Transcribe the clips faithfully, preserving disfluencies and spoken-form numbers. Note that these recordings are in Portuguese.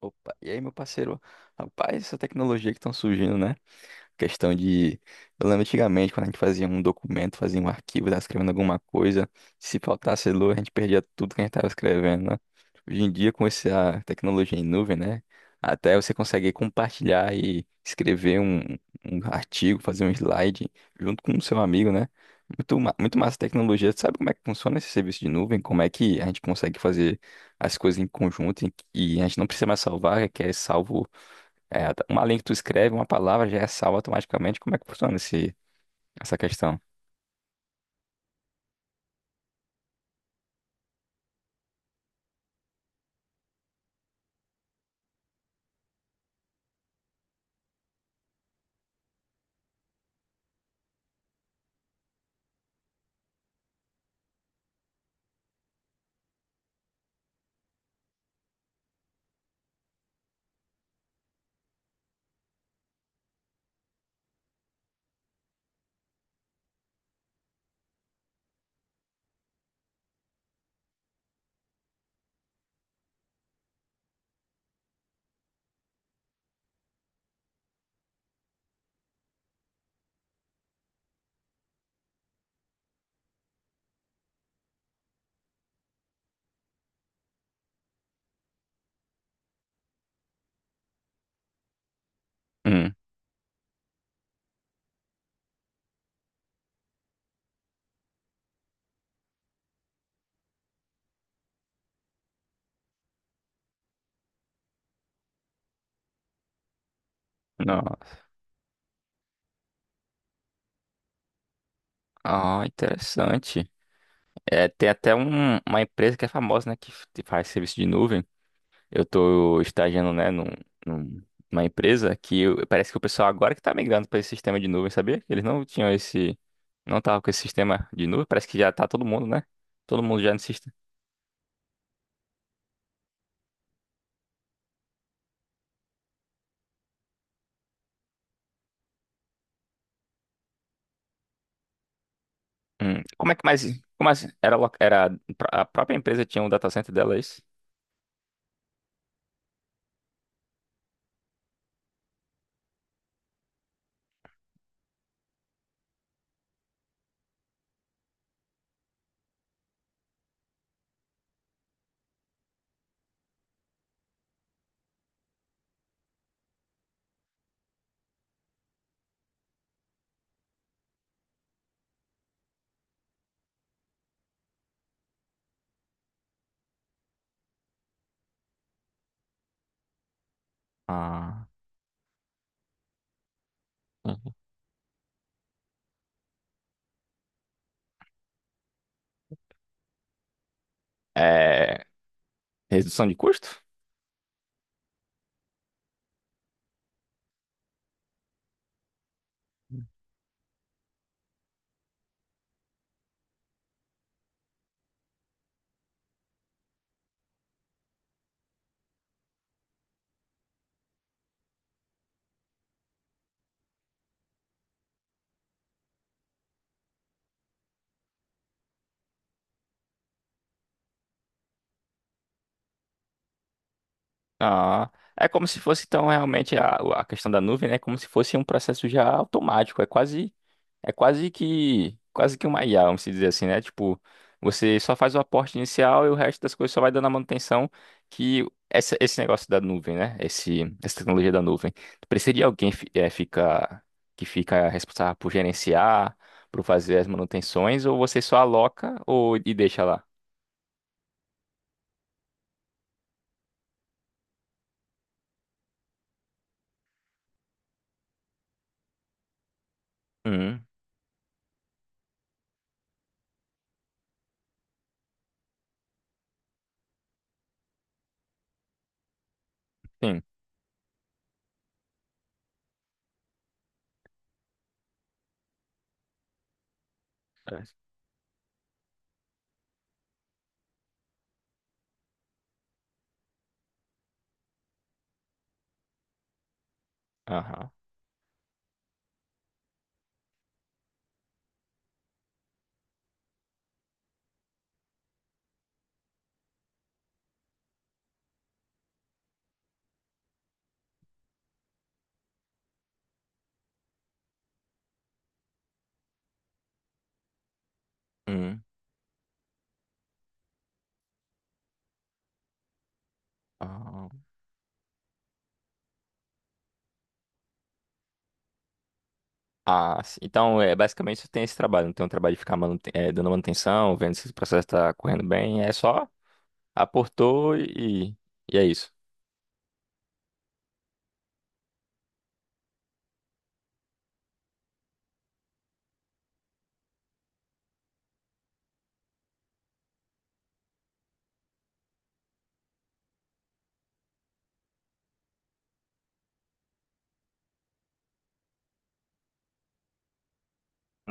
Opa, e aí, meu parceiro? Rapaz, essa tecnologia que estão surgindo, né? Questão de. Eu lembro antigamente, quando a gente fazia um documento, fazia um arquivo, tava escrevendo alguma coisa. Se faltasse luz, a gente perdia tudo que a gente tava escrevendo, né? Hoje em dia, com essa tecnologia em nuvem, né? Até você consegue compartilhar e escrever um, um artigo, fazer um slide junto com o seu amigo, né? Muito, ma- muito massa a tecnologia. Você sabe como é que funciona esse serviço de nuvem? Como é que a gente consegue fazer as coisas em conjunto e e a gente não precisa mais salvar, é que é salvo é, tá, uma linha que tu escreve, uma palavra já é salva automaticamente. Como é que funciona esse, essa questão? Hum, não. Ah, interessante. É, tem até um- uma empresa que é famosa, né, que f- que faz serviço de nuvem. Eu tô estagiando, né, num, num- numa empresa que eu- parece que o pessoal agora que tá migrando para esse sistema de nuvem, sabia? Eles não tinham esse, não tava com esse sistema de nuvem. Parece que já tá todo mundo, né? Todo mundo já no sistema. Hum, como é que mais, como assim? Era, lo- era, a própria empresa tinha um data center dela, é isso? Ah. É, redução de custo? Ah, é como se fosse, então, realmente a, a questão da nuvem, né? Como se fosse um processo já automático. É quase, é quase que, quase que uma I A, vamos dizer assim, né? Tipo, você só faz o aporte inicial e o resto das coisas só vai dando a manutenção que essa, esse negócio da nuvem, né? Esse, essa tecnologia da nuvem. Precisa de alguém fi- eh, fica, que fica responsável por gerenciar, por fazer as manutenções, ou você só aloca ou, e deixa lá? Hum, sim. Aham. Hum. Ah, ah, sim. Então, é, basicamente, você tem esse trabalho. Não tem um trabalho de ficar manute- eh, dando manutenção, vendo se o processo está correndo bem. É só aportou e, e é isso.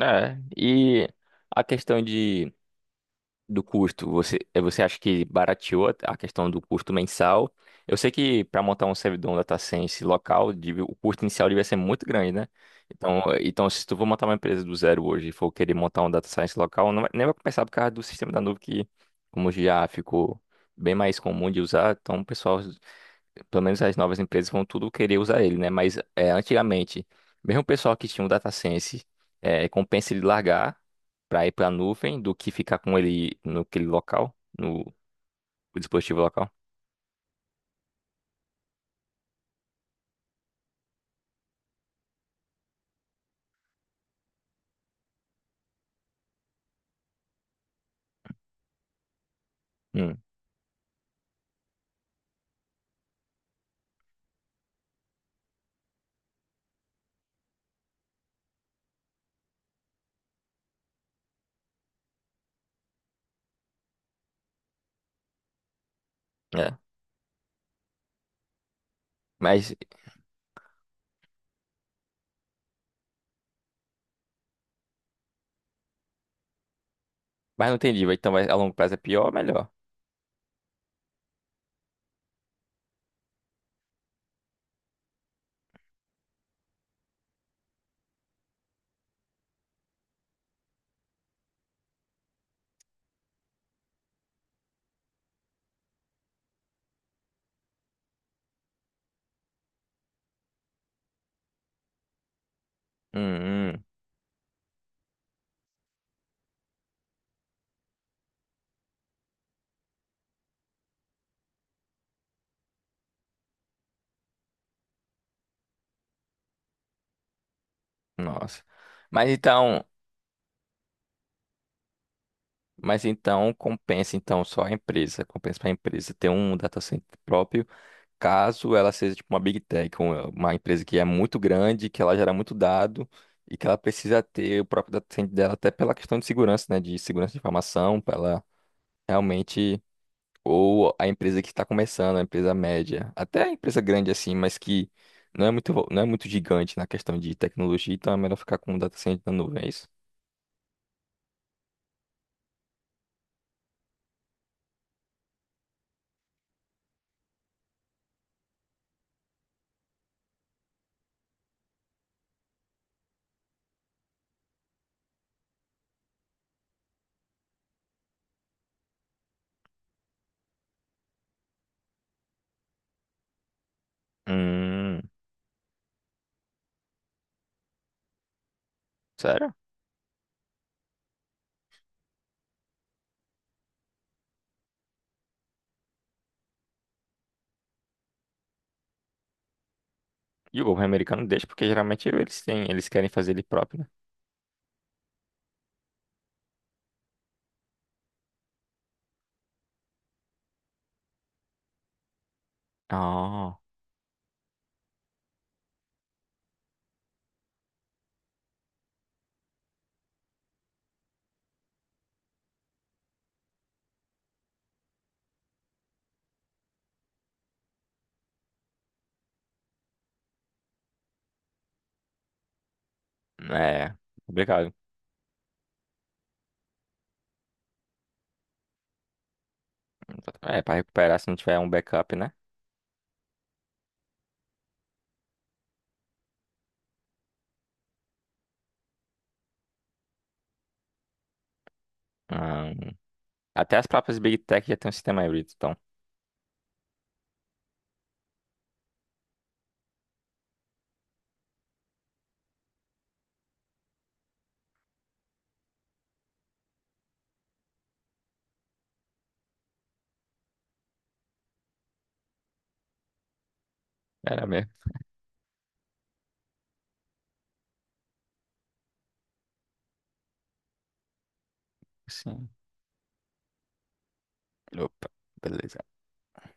É. E a questão de do custo, você, eh, você acha que barateou a a questão do custo mensal? Eu sei que para montar um servidor um data science local, deve- o custo inicial devia ser muito grande, né? Então, eh, então se tu for montar uma empresa do zero hoje e for querer montar um data science local, não vai- nem vai começar por causa do sistema da nuvem que, como já ficou bem mais comum de usar, então o pessoal pelo menos as novas empresas vão tudo querer usar ele, né? Mas é, antigamente, mesmo o pessoal que tinha o data science, é, compensa ele largar para ir para a nuvem do que ficar com ele naquele local, no dispositivo local. Hum, é. Mas, mas não entendi. vai- Então, vai- a longo prazo é pior ou melhor? Hum, hum, nossa. Mas então, mas então compensa então só a empresa, compensa para a empresa ter um data center próprio caso ela seja tipo uma big tech, uma uma empresa que é muito grande, que ela gera muito dado e que ela precisa ter o próprio data center dela até pela questão de segurança, né, de segurança de informação, para ela realmente ou a empresa que está começando, a empresa média, até a empresa grande assim, mas que não é muito vo- não é muito gigante na questão de tecnologia, então é melhor ficar com o data center na nuvem, é isso? Hum, sério? E o governo americano deixa porque geralmente eles têm, eles querem fazer ele próprio, né? Ah, é. Complicado. É, para recuperar se não tiver um backup, né? Ah, até as próprias Big Tech já tem um sistema híbrido, então. Era mesmo. Sim. Opa, beleza.